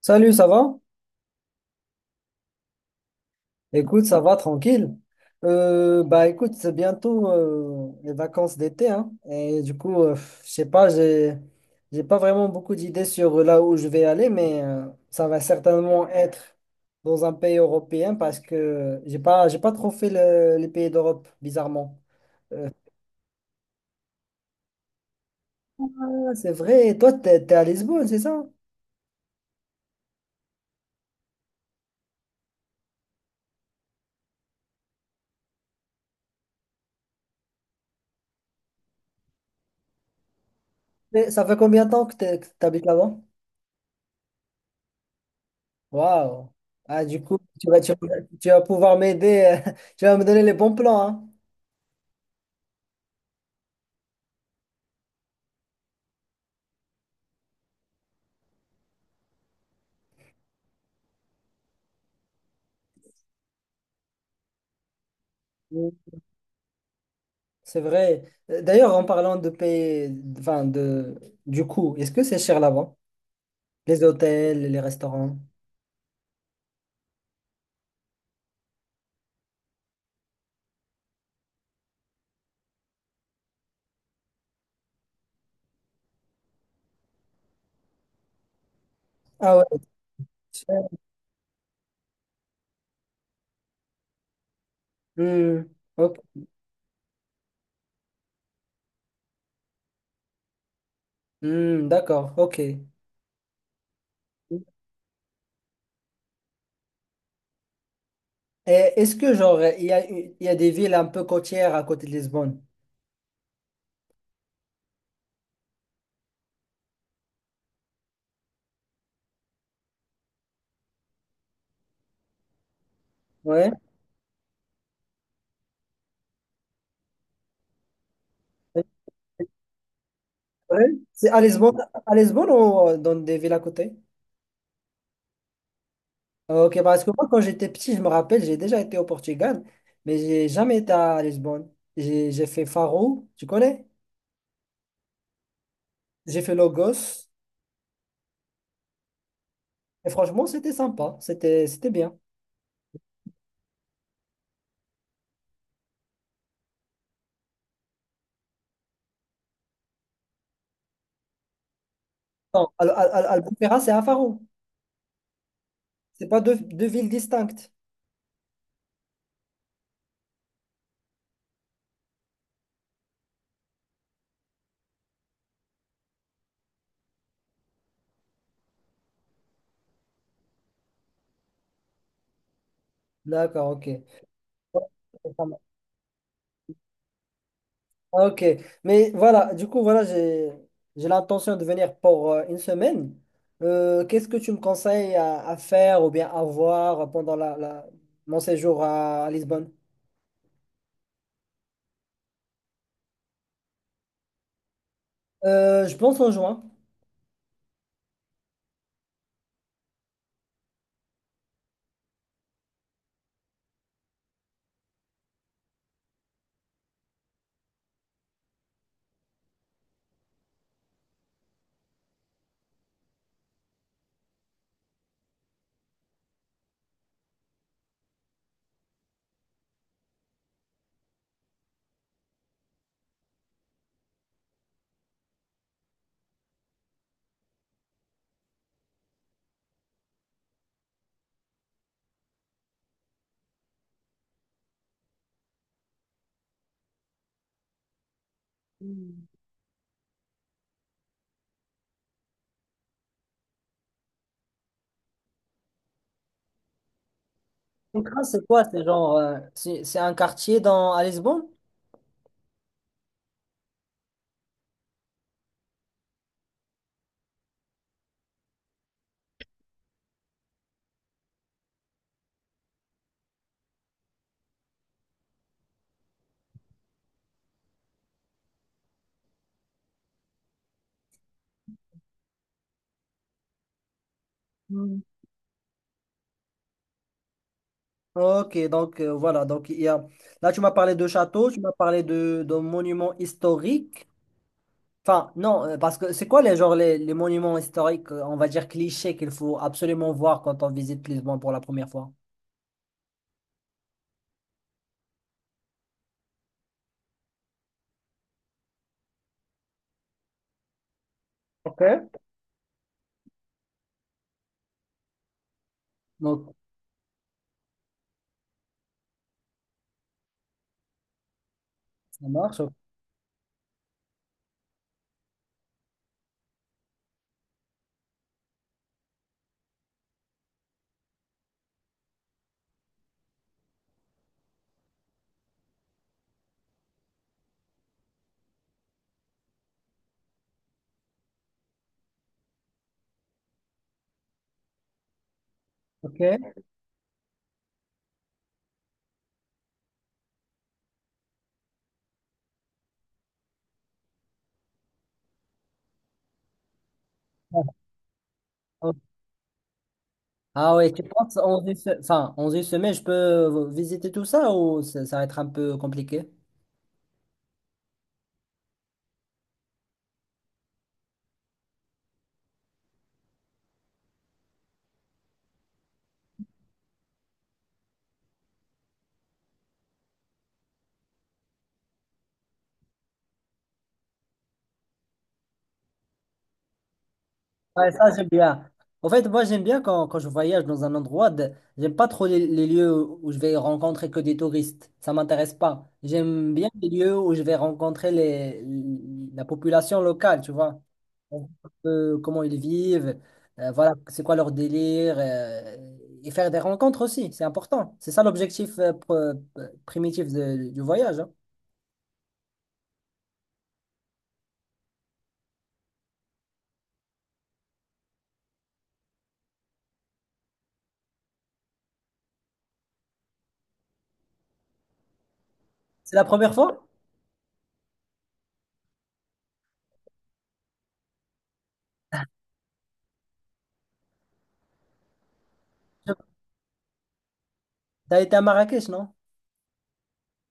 Salut, ça va? Écoute, ça va, tranquille. Bah écoute, c'est bientôt les vacances d'été, hein, et du coup, je sais pas, j'ai pas vraiment beaucoup d'idées sur là où je vais aller, mais ça va certainement être dans un pays européen parce que j'ai pas trop fait les pays d'Europe, bizarrement. Ah, c'est vrai, toi, t'es à Lisbonne, c'est ça? Mais ça fait combien de temps que que t'habites là-bas? Waouh! Ah, du coup, tu vas pouvoir m'aider, tu vas me donner les bons plans, hein? Oui. C'est vrai. D'ailleurs, en parlant de payer, enfin de, du coût, est-ce que c'est cher là-bas? Les hôtels, les restaurants? Ah ouais. C'est cher. Hmm, ok. D'accord, ok. Et est-ce que genre il y a des villes un peu côtières à côté de Lisbonne? Ouais. Ouais. C'est à Lisbonne, à Lisbonne ou dans des villes à côté? Ok, bah, parce que moi quand j'étais petit, je me rappelle, j'ai déjà été au Portugal, mais j'ai jamais été à Lisbonne. J'ai fait Faro, tu connais? J'ai fait Lagos. Et franchement, c'était sympa, c'était bien. Non, Albufeira, c'est à Faro. C'est pas deux villes distinctes. D'accord, ok. Ouais, c'est pas mal. Ok, mais voilà, du coup, voilà, j'ai l'intention de venir pour une semaine. Qu'est-ce que tu me conseilles à faire ou bien à voir pendant mon séjour à Lisbonne? Je pense en juin. Donc, là, c'est quoi? C'est genre, c'est un quartier dans, à Lisbonne? Ok, donc voilà, donc il y a… Là, tu m'as parlé de châteaux, tu m'as parlé de monuments historiques. Enfin, non, parce que c'est quoi les genre les monuments historiques, on va dire clichés qu'il faut absolument voir quand on visite Lisbonne pour la première fois? OK. Donc, ça marche, ok. Ah ah ouais, tu penses en enfin, en une semaine, je peux visiter tout ça ou ça va être un peu compliqué? Ouais, ça, j'aime bien. En fait, moi, j'aime bien quand, je voyage dans un endroit, j'aime pas trop les lieux où je vais rencontrer que des touristes. Ça m'intéresse pas. J'aime bien les lieux où je vais rencontrer la population locale, tu vois. On voit un peu comment ils vivent, voilà, c'est quoi leur délire, et faire des rencontres aussi, c'est important. C'est ça l'objectif primitif du voyage, hein. C'est la première fois? T'as été à Marrakech, non?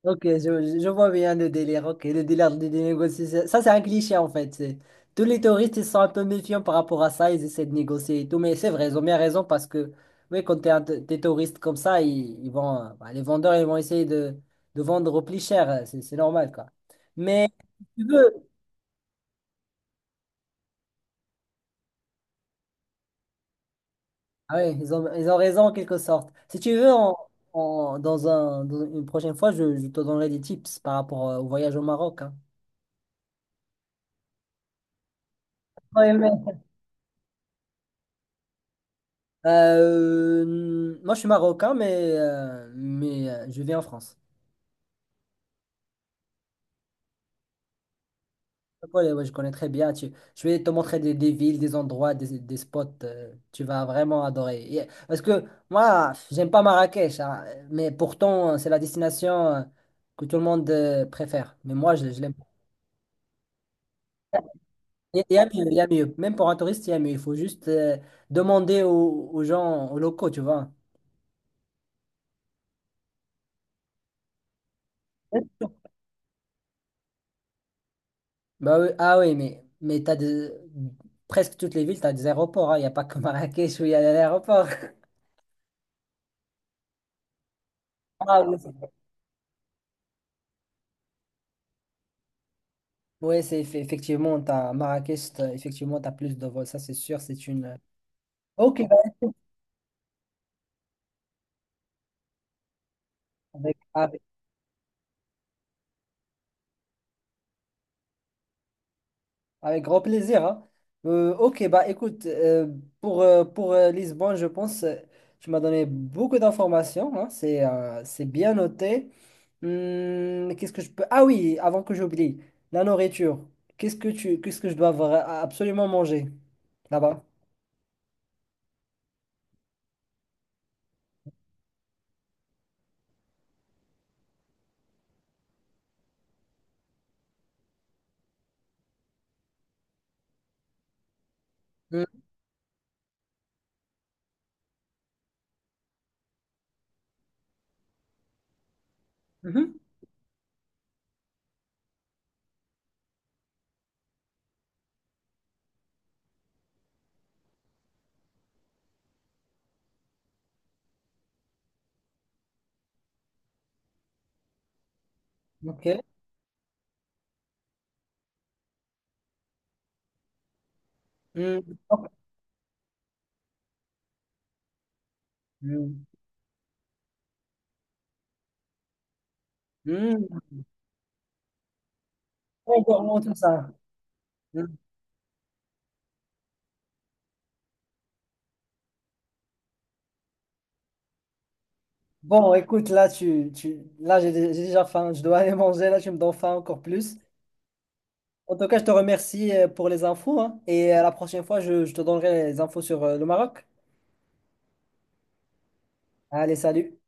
Ok, je vois bien le délire. Ok, le délire des négociations. Ça, c'est un cliché en fait. Tous les touristes, ils sont un peu méfiants par rapport à ça. Ils essaient de négocier et tout. Mais c'est vrai, ils ont bien raison parce que, oui, quand des touristes comme ça, ils vont, bah, les vendeurs, ils vont essayer de vendre au plus cher. C'est normal, quoi. Mais si tu veux, ah ouais, ils ont raison en quelque sorte. Si tu veux, dans dans une prochaine fois, je te donnerai des tips par rapport au voyage au Maroc, hein. Ouais. Euh, moi, je suis marocain, mais, je vis en France. Ouais, ouais, je connais très bien. Je vais te montrer des villes, des endroits, des spots, tu vas vraiment adorer. Parce que moi, j'aime pas Marrakech, hein, mais pourtant, c'est la destination que tout le monde préfère. Mais moi, je l'aime pas. Il y a mieux, il y a mieux. Même pour un touriste, il y a mieux. Il faut juste demander aux gens, aux locaux, tu vois. Bah oui, ah oui, mais presque toutes les villes, tu as des aéroports. Il n'y a pas que Marrakech où il y a l'aéroport. Ah oui, c'est ouais, effectivement, t'as Marrakech, effectivement, tu as plus de vols, ça c'est sûr, c'est une… Ok, bah, avec, avec avec grand plaisir, hein. Ok, bah écoute, pour Lisbonne, je pense, tu m'as donné beaucoup d'informations, hein. C'est bien noté. Qu'est-ce que je peux… Ah oui, avant que j'oublie, la nourriture. Qu'est-ce que je dois absolument manger là-bas? Hum. Mhm. Ok. Hum, ok. Hum. Hum, très gourmand, tout ça. Hum. Bon, écoute, là, là j'ai déjà faim. Je dois aller manger. Là, tu me donnes faim encore plus. En tout cas, je te remercie pour les infos, hein, et à la prochaine fois, je te donnerai les infos sur le Maroc. Allez, salut.